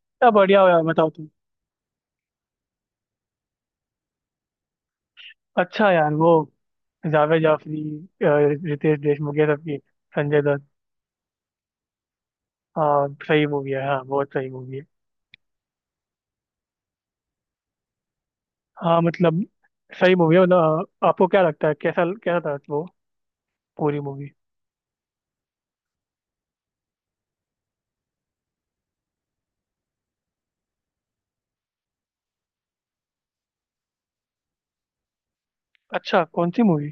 क्या बढ़िया हो यार। बताओ तुम। अच्छा यार, वो जावेद जाफरी, अ, रितेश देशमुख, ये सबकी, संजय दत्त। हाँ सही मूवी है। हाँ बहुत सही मूवी है। हाँ मतलब, सही मूवी है। मतलब आपको क्या लगता है, कैसा कैसा था वो, पूरी मूवी। अच्छा कौन सी मूवी।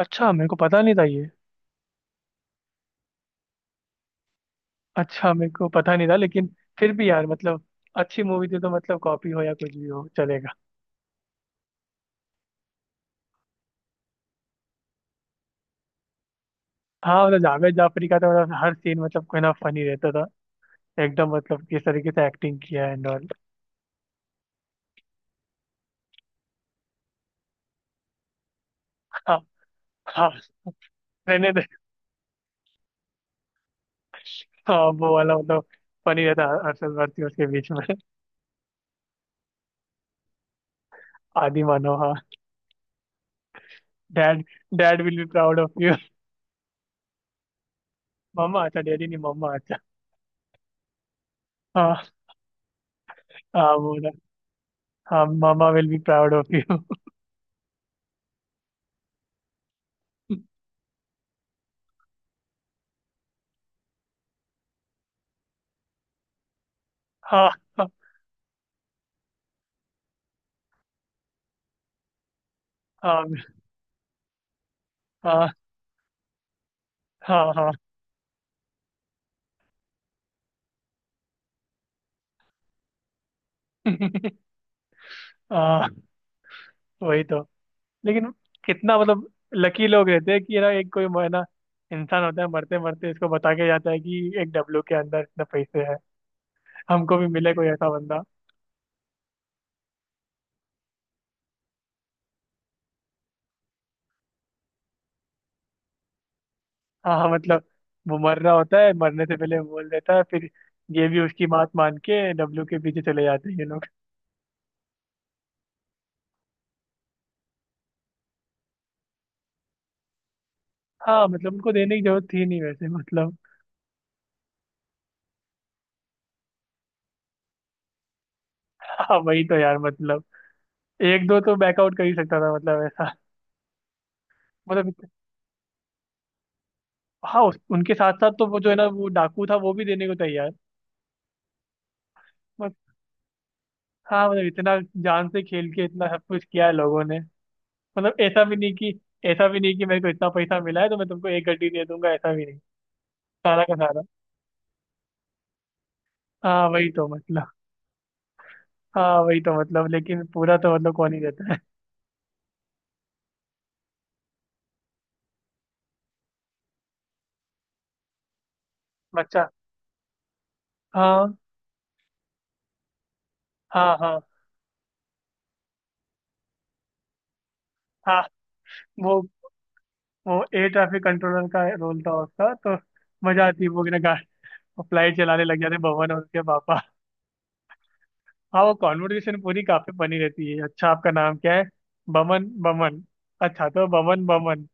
अच्छा, मेरे को पता नहीं था ये। अच्छा मेरे को पता नहीं था, लेकिन फिर भी यार मतलब, अच्छी मूवी थी तो मतलब, कॉपी हो या कुछ भी हो चलेगा। हाँ मतलब, जावेद जाफरी का तो मतलब, हर सीन मतलब कोई ना फनी रहता था। एकदम मतलब, किस तरीके से एक्टिंग किया है एंड ऑल। हाँ हाँ। मैंने तो, हाँ वो वाला मतलब, फनी रहता है, अरशद वारसी उसके बीच में। आदि मानो, हाँ। Dad, dad will be proud of you. Mumma, अच्छा डैडी नहीं मम्मा, अच्छा। हाँ हाँ, वो वाला। हाँ, mumma will be proud of you. हाँ हाँ हाँ हाँ हाँ हाँ हाँ, वही तो। लेकिन कितना मतलब, लकी लोग रहते हैं कि ना, एक कोई है ना इंसान होता है, मरते मरते इसको बता के जाता है कि एक डब्लू के अंदर इतने पैसे हैं। हमको भी मिले कोई ऐसा बंदा। हाँ मतलब, वो मर रहा होता है, मरने से पहले बोल देता है, फिर ये भी उसकी बात मान के डब्लू के पीछे चले जाते हैं ये लोग। हाँ मतलब, उनको देने की जरूरत थी नहीं वैसे मतलब। हाँ वही तो यार मतलब, एक दो तो बैकआउट कर ही सकता था मतलब ऐसा। मतलब इत- हाँ उनके साथ साथ तो, वो जो है ना, वो डाकू था, वो भी देने को तैयार। बस। हाँ मतलब इतना, जान से खेल के इतना सब कुछ किया है लोगों ने, मतलब ऐसा भी नहीं कि मेरे को इतना पैसा मिला है तो मैं तुमको एक गड्डी दे दूंगा, ऐसा भी नहीं। सारा का सारा। हाँ वही तो मतलब। हाँ वही तो मतलब, लेकिन पूरा तो मतलब कौन ही देता है। बच्चा। हाँ हाँ। हाँ हाँ वो वो एयर ट्रैफिक कंट्रोलर का रोल था उसका तो। मजा आती है। वो ना, गाड़ी फ्लाइट चलाने लग जाते बमन और उसके पापा। हाँ, वो कॉन्वर्सेशन पूरी काफी बनी रहती है। अच्छा आपका नाम क्या है? बमन बमन। अच्छा तो बमन बमन?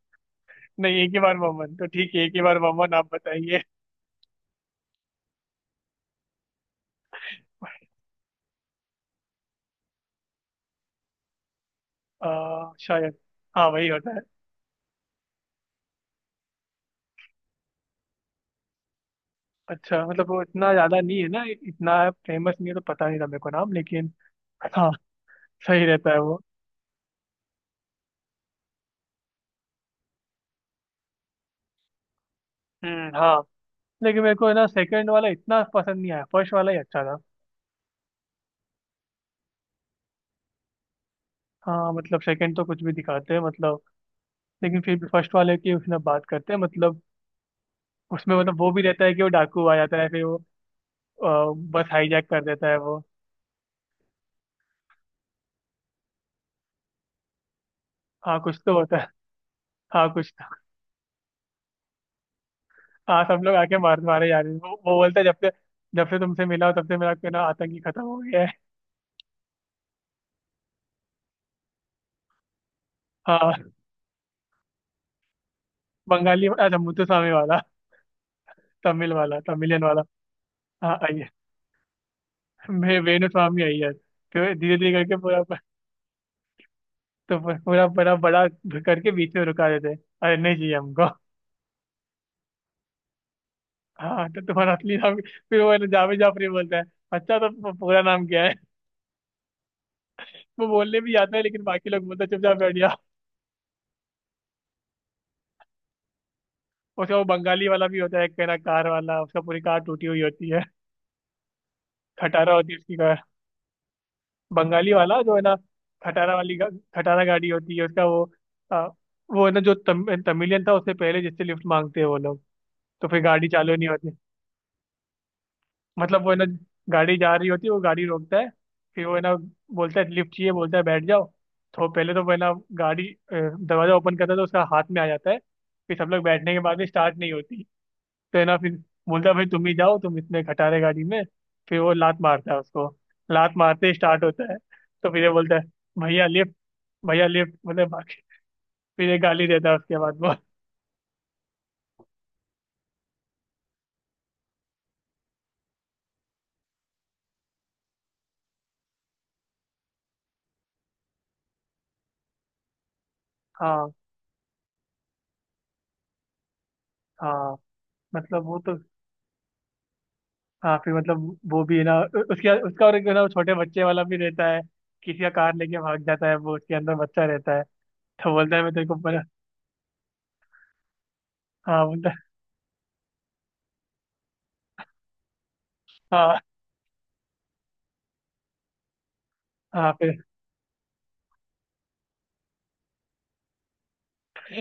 नहीं एक ही बार बमन। तो ठीक है, एक ही बार बमन, आप बताइए। शायद। हाँ वही होता है। अच्छा मतलब, वो इतना ज्यादा नहीं है ना, इतना फेमस नहीं है तो पता नहीं था मेरे को नाम, लेकिन। हाँ, सही रहता है वो। हम्म, हाँ लेकिन मेरे को है ना, सेकंड वाला इतना पसंद नहीं आया, फर्स्ट वाला ही अच्छा था। हाँ मतलब, सेकंड तो कुछ भी दिखाते हैं मतलब। लेकिन फिर भी फर्स्ट वाले की उसने बात करते हैं मतलब, उसमें मतलब, वो भी रहता है कि वो डाकू आ जाता है, फिर वो बस हाईजैक कर देता है वो। हाँ कुछ तो होता है। हाँ कुछ तो। हाँ सब लोग आके मार मारे जा रहे हैं, वो बोलता है, जब से तुमसे मिला हो, तब से मेरा ना आतंकी खत्म हो गया है। हाँ बंगाली, अच्छा मुत्तुस्वामी वाला, तमिल वाला, तमिलियन वाला। हाँ, मैं वेणुस्वामी अय्यर, तो धीरे धीरे करके पूरा। तो पूरा बड़ा बड़ा करके बीच में रुका देते हैं, अरे नहीं चाहिए हमको। हाँ तो तुम्हारा असली नाम फिर वो है ना, जावेद जाफरी बोलता है, अच्छा तो पूरा नाम क्या है? वो बोलने भी आता है, लेकिन बाकी लोग बोलते हैं, चुपचाप बैठ जा। उसका वो बंगाली वाला भी होता है, एक है ना कार वाला, उसका पूरी कार टूटी हुई होती है, खटारा होती है उसकी कार। बंगाली वाला जो है ना, खटारा वाली गा, खटारा गाड़ी होती है उसका वो। आ, वो है ना, जो तमिलियन था, उससे पहले जिससे लिफ्ट मांगते हैं वो लोग। तो फिर गाड़ी चालू नहीं होती। मतलब वो है ना, गाड़ी जा रही होती है, वो गाड़ी रोकता है, फिर वो है ना, बोलता है लिफ्ट चाहिए, बोलता है बैठ जाओ। तो पहले तो वो है ना, गाड़ी दरवाजा ओपन करता है तो उसका हाथ में आ जाता है। फिर सब लोग बैठने के बाद भी स्टार्ट नहीं होती, तो है ना फिर बोलता है, भाई तुम ही जाओ, तुम इतने खटा रहे गाड़ी में। फिर वो लात मारता है उसको, लात मारते ही स्टार्ट होता है। तो फिर ये बोलता है, भैया लिफ्ट, भैया लिफ्ट मतलब बाकी। फिर ये गाली देता है उसके बाद वो। हाँ हाँ मतलब, वो तो। हाँ फिर मतलब, वो भी है ना, उ- उसके उसका और एक है ना, वो छोटे बच्चे वाला भी रहता है, किसी का कार लेके भाग जाता है, वो उसके अंदर बच्चा रहता है। तो बोलता है मैं तेरे को बना। हाँ, बोलता है हाँ हाँ। फिर।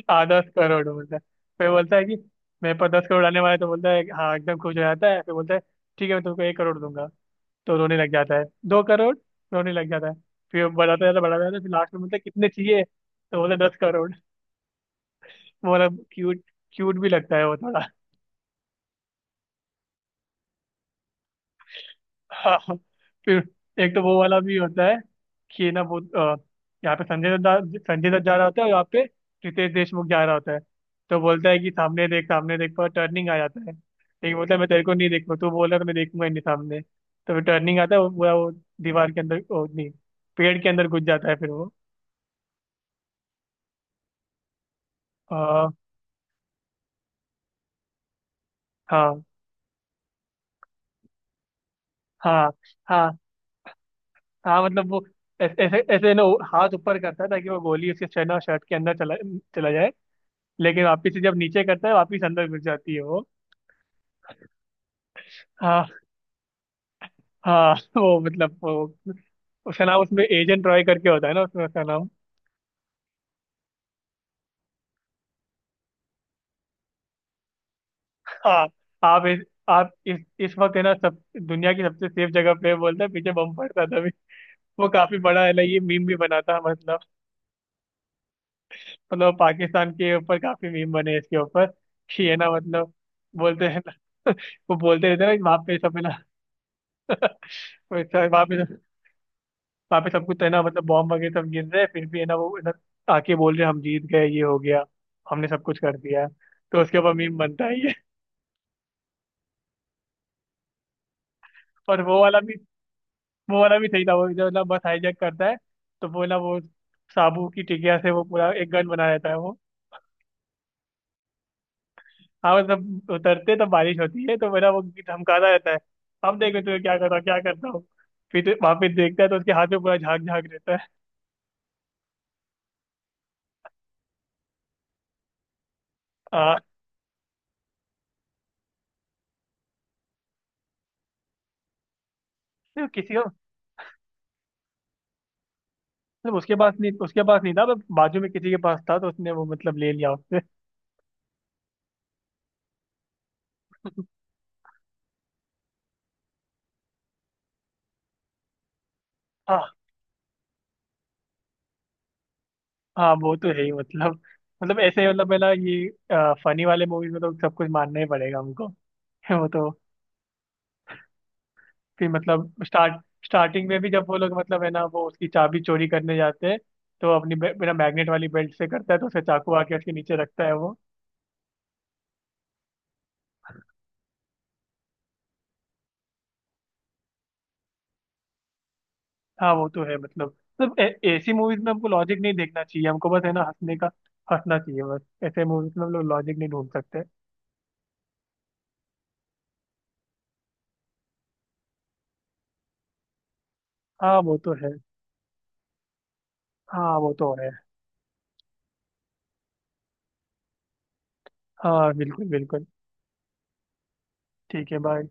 हाँ 10 करोड़ बोलता है। फिर बोलता है कि मेरे पास 10 करोड़ आने वाला है, तो बोलता है हाँ, एकदम खुश हो जाता है। फिर बोलता है ठीक है, मैं तुमको 1 करोड़ दूंगा, तो रोने लग जाता है। 2 करोड़, रोने लग जाता है। फिर बढ़ाता जाता है, बढ़ाता जाता है। फिर लास्ट में बोलता है, कितने चाहिए? तो बोलता है 10 करोड़। वो मतलब क्यूट, क्यूट भी लगता है वो थोड़ा। हाँ हाँ। फिर एक तो वो वाला भी होता है कि ना, वो यहाँ पे संजय दत्त, संजय दत्त जा रहा होता है और यहाँ पे रितेश देशमुख जा रहा होता है। तो बोलता है कि सामने देख, सामने देख, पर टर्निंग आ जाता है। लेकिन बोलता है, मैं तेरे को नहीं देखूँ, तू बोल रहा है तो मैं देखूंगा ही नहीं सामने। तो फिर टर्निंग आता है, वो पूरा वो दीवार के अंदर, वो नहीं पेड़ के अंदर घुस जाता है फिर वो। अ, हाँ हाँ हाँ हाँ मतलब वो, ऐसे ऐसे ऐसे ना, वो हाथ ऊपर करता है, ताकि वो गोली उसके शर्ट और शर्ट के अंदर चला चला जाए। लेकिन वापिस से जब नीचे करता है, वापिस अंदर घुस जाती है वो। हाँ हाँ। वो मतलब वो, उसका नाम उसमें एजेंट रॉय करके होता है ना उसमें, उसका नाम। हाँ, आप इस आप इस वक्त है ना, सब दुनिया की सबसे सेफ जगह पे बोलता है, पीछे बम पड़ता था अभी। वो काफी बड़ा है ना, ये मीम भी बनाता है मतलब पाकिस्तान के ऊपर काफी मीम बने हैं इसके ऊपर। कि है ना मतलब, बोलते हैं ना वो बोलते रहते हैं ना वहाँ पे सब है ना। वहाँ पे वहाँ पे सब कुछ तो है ना, मतलब बॉम्ब वगैरह सब गिर रहे हैं, फिर भी है ना, वो है ना, आके बोल रहे हैं, हम जीत गए, ये हो गया, हमने सब कुछ कर दिया है। तो उसके ऊपर मीम बनता है ये। और वो वाला भी सही था, वो जो ना बस हाईजैक करता है, तो वो ना, वो साबू की टिकिया से वो पूरा एक गन बना रहता है वो। हाँ मतलब, उतरते तो बारिश होती है, तो मेरा वो धमकाता रहता है, अब देखो तुम्हें क्या करता हूँ, क्या करता हूँ। फिर वहां पे देखता है, तो उसके हाथ में पूरा झाग झाग रहता है। आ, तो किसी को मतलब, उसके पास नहीं था, पर बाजू में किसी के पास था, तो उसने वो मतलब ले लिया उससे। हाँ हाँ, वो तो है ही मतलब ऐसे ही, मतलब पहला ये फनी वाले मूवीज में तो सब कुछ मानना ही पड़ेगा हमको। वो तो, फिर मतलब स्टार्टिंग में भी, जब वो लोग मतलब है ना, वो उसकी चाबी चोरी करने जाते हैं तो अपनी बिना मैग्नेट वाली बेल्ट से करता है, तो उसे चाकू आके उसके नीचे रखता है वो। हाँ वो तो है मतलब ऐसी मूवीज में हमको लॉजिक नहीं देखना चाहिए, हमको बस है ना हंसने का। हंसना चाहिए बस, ऐसे मूवीज में हम लोग लॉजिक नहीं ढूंढ सकते। हाँ वो तो है। हाँ वो तो है। हाँ बिल्कुल बिल्कुल, ठीक है। बाय।